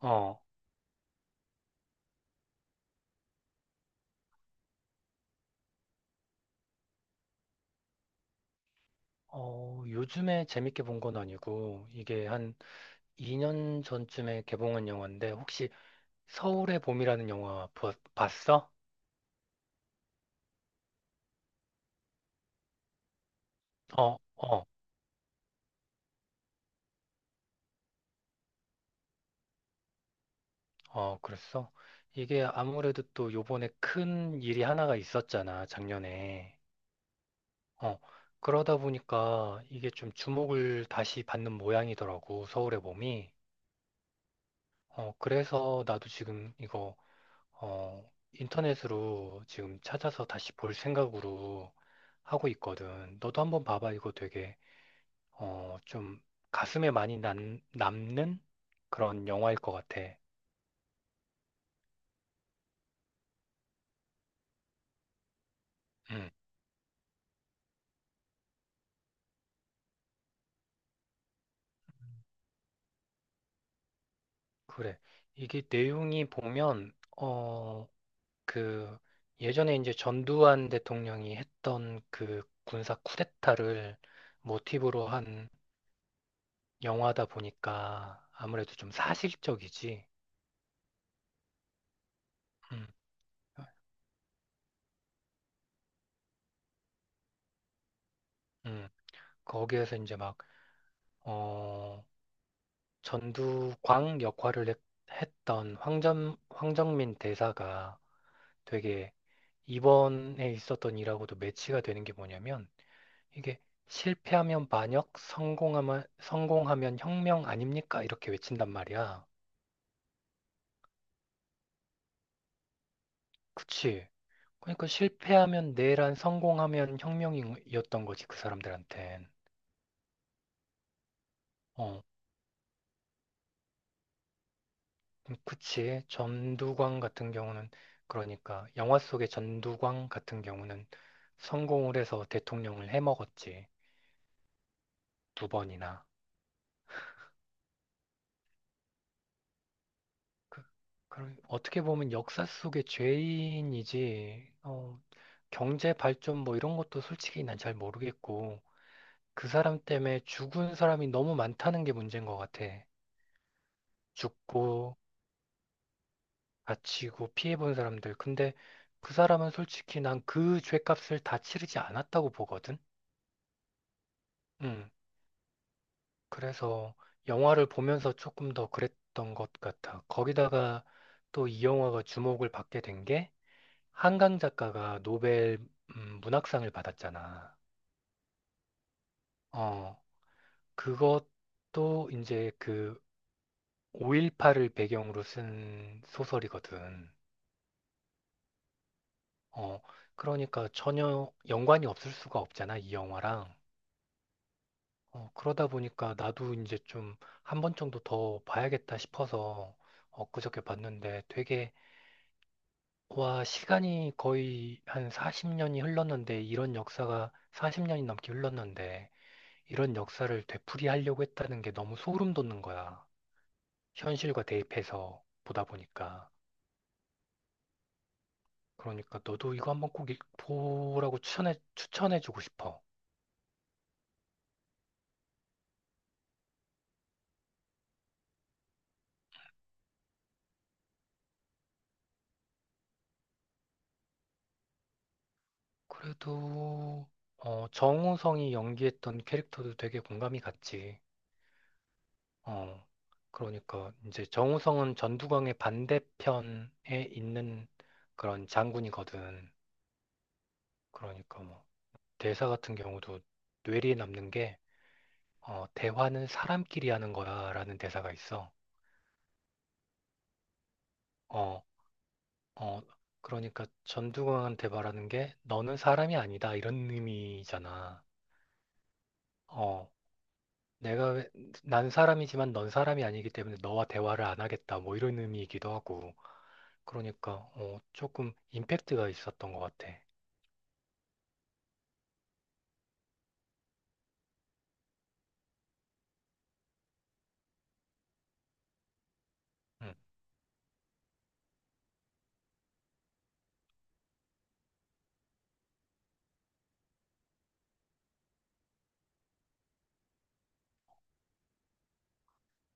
어, 요즘에 재밌게 본 건 아니고, 이게 한 2년 전쯤에 개봉한 영화인데, 혹시 서울의 봄이라는 영화 봤어? 어, 어, 어, 그랬어? 이게 아무래도 또 요번에 큰 일이 하나가 있었잖아, 작년에. 어, 그러다 보니까 이게 좀 주목을 다시 받는 모양이더라고, 서울의 봄이. 어, 그래서 나도 지금 이거, 어, 인터넷으로 지금 찾아서 다시 볼 생각으로 하고 있거든. 너도 한번 봐봐. 이거 되게 좀 가슴에 많이 남는 그런 영화일 것 같아. 음. 그래. 이게 내용이 보면, 그, 예전에 이제 전두환 대통령이 했던 그 군사 쿠데타를 모티브로 한 영화다 보니까 아무래도 좀 사실적이지. 음, 음. 거기에서 이제 막, 어, 전두광 역할을 했, 던 황정민 대사가 되게 이번에 있었던 일하고도 매치가 되는 게 뭐냐면 이게 실패하면 반역, 성공하면 혁명 아닙니까? 이렇게 외친단 말이야. 그치? 그러니까 실패하면 내란, 성공하면 혁명이었던 거지, 그 사람들한텐. 어. 그치. 전두광 같은 경우는 그러니까 영화 속의 전두광 같은 경우는 성공을 해서 대통령을 해먹었지. 두 번이나. 그, 그 어떻게 보면 역사 속의 죄인이지. 어, 경제 발전 뭐 이런 것도 솔직히 난 잘 모르겠고 그 사람 때문에 죽은 사람이 너무 많다는 게 문제인 것 같아. 죽고 다치고 피해본 사람들. 근데 그 사람은 솔직히 난 그 죄값을 다 치르지 않았다고 보거든. 음. 그래서 영화를 보면서 조금 더 그랬던 것 같아. 거기다가 또 이 영화가 주목을 받게 된 게 한강 작가가 노벨 문학상을 받았잖아. 어, 그것도 이제 그 5.18을 배경으로 쓴 소설이거든. 어, 그러니까 전혀 연관이 없을 수가 없잖아, 이 영화랑. 어, 그러다 보니까 나도 이제 좀 한 번 정도 더 봐야겠다 싶어서 엊그저께 봤는데 되게 와, 시간이 거의 한 40년이 흘렀는데, 이런 역사가 40년이 넘게 흘렀는데, 이런 역사를 되풀이하려고 했다는 게 너무 소름 돋는 거야. 현실과 대입해서 보다 보니까. 그러니까 너도 이거 한번 꼭 보라고 추천해주고 싶어. 그래도, 어, 정우성이 연기했던 캐릭터도 되게 공감이 갔지. 어, 그러니까 이제 정우성은 전두광의 반대편에 있는 그런 장군이거든. 그러니까 뭐 대사 같은 경우도 뇌리에 남는 게 대화는 사람끼리 하는 거야라는 대사가 있어. 어, 어, 그러니까 전두광한테 말하는 게 너는 사람이 아니다 이런 의미잖아. 어, 내가 난 사람이지만 넌 사람이 아니기 때문에 너와 대화를 안 하겠다 뭐 이런 의미이기도 하고. 그러니까 어, 조금 임팩트가 있었던 것 같아. 응.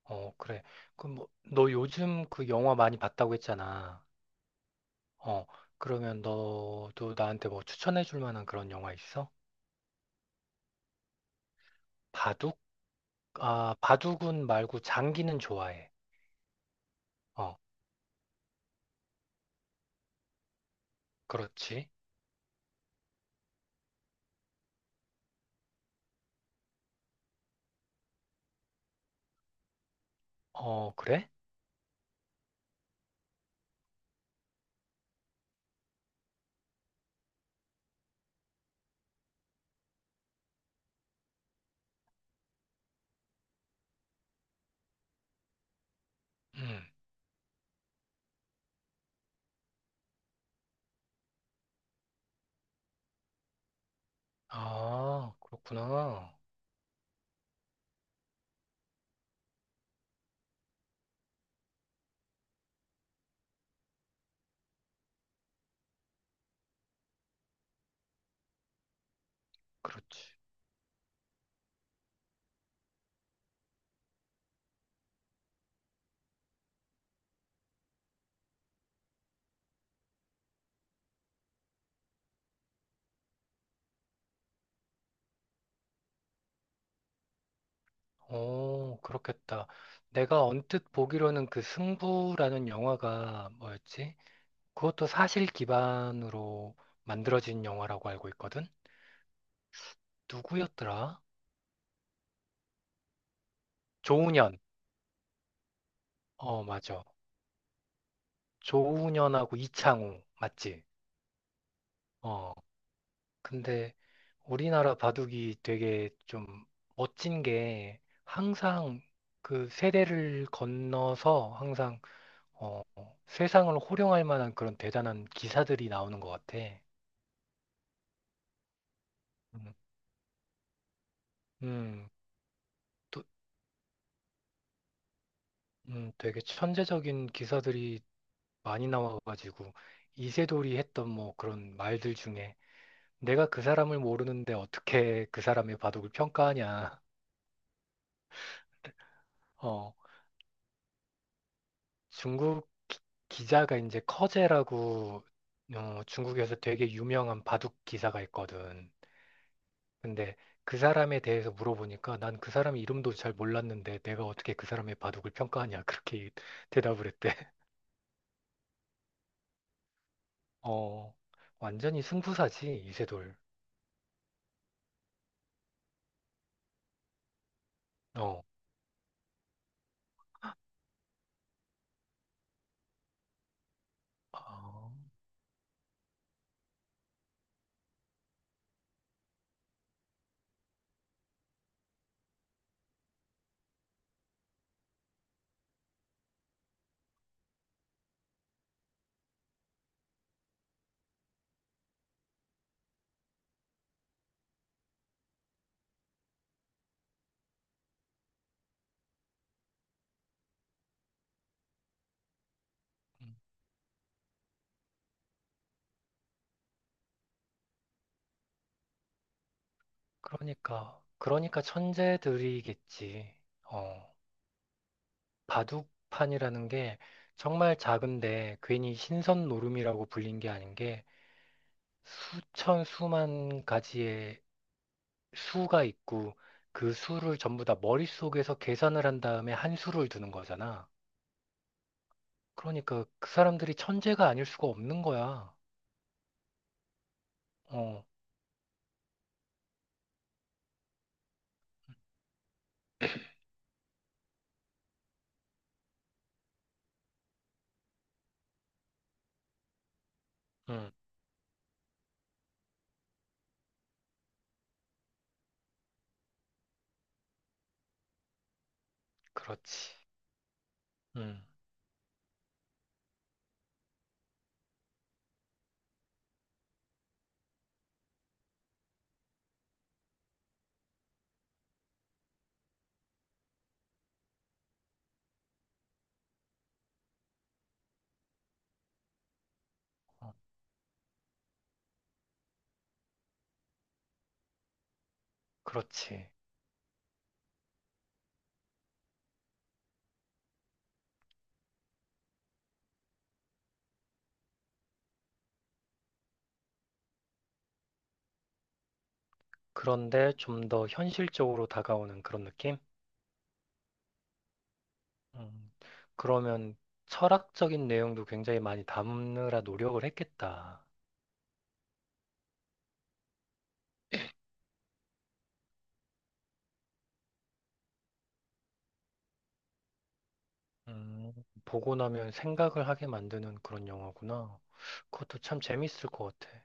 어, 그래. 그럼 뭐, 너 요즘 그 영화 많이 봤다고 했잖아. 어, 그러면 너도 나한테 뭐 추천해 줄 만한 그런 영화 있어? 바둑? 아, 바둑은 말고 장기는 좋아해. 어, 그렇지. 어, 그래? 음. 아, 그렇구나. 그렇지. 오, 그렇겠다. 내가 언뜻 보기로는 그 승부라는 영화가 뭐였지? 그것도 사실 기반으로 만들어진 영화라고 알고 있거든? 누구였더라? 조훈현. 어, 맞아. 조훈현하고 이창호. 맞지? 어. 근데 우리나라 바둑이 되게 좀 멋진 게 항상 그 세대를 건너서 항상 어, 세상을 호령할 만한 그런 대단한 기사들이 나오는 것 같아. 음, 음, 또, 되게 천재적인 기사들이 많이 나와가지고 이세돌이 했던 뭐 그런 말들 중에 내가 그 사람을 모르는데 어떻게 그 사람의 바둑을 평가하냐. 중국 기자가 이제 커제라고 어, 중국에서 되게 유명한 바둑 기사가 있거든. 근데 그 사람에 대해서 물어보니까 난 그 사람 이름도 잘 몰랐는데 내가 어떻게 그 사람의 바둑을 평가하냐 그렇게 대답을 했대. 어, 완전히 승부사지 이세돌. 어, 아, 음, 그러니까 천재들이겠지. 어, 바둑판이라는 게 정말 작은데 괜히 신선 노름이라고 불린 게 아닌 게 수천 수만 가지의 수가 있고 그 수를 전부 다 머릿속에서 계산을 한 다음에 한 수를 두는 거잖아. 그러니까 그 사람들이 천재가 아닐 수가 없는 거야. 어, 음, 그렇지. 음, 어, 그렇지. 그런데 좀 더 현실적으로 다가오는 그런 느낌? 음, 그러면 철학적인 내용도 굉장히 많이 담느라 노력을 했겠다. 음, 보고 나면 생각을 하게 만드는 그런 영화구나. 그것도 참 재밌을 것 같아.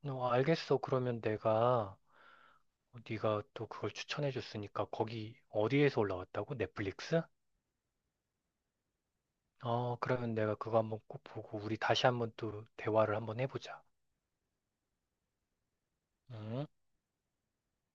너 알겠어. 그러면 내가 어, 네가 또 그걸 추천해 줬으니까 거기 어디에서 올라왔다고? 넷플릭스? 어, 그러면 내가 그거 한번 꼭 보고 우리 다시 한번 또 대화를 한번 해보자. 음.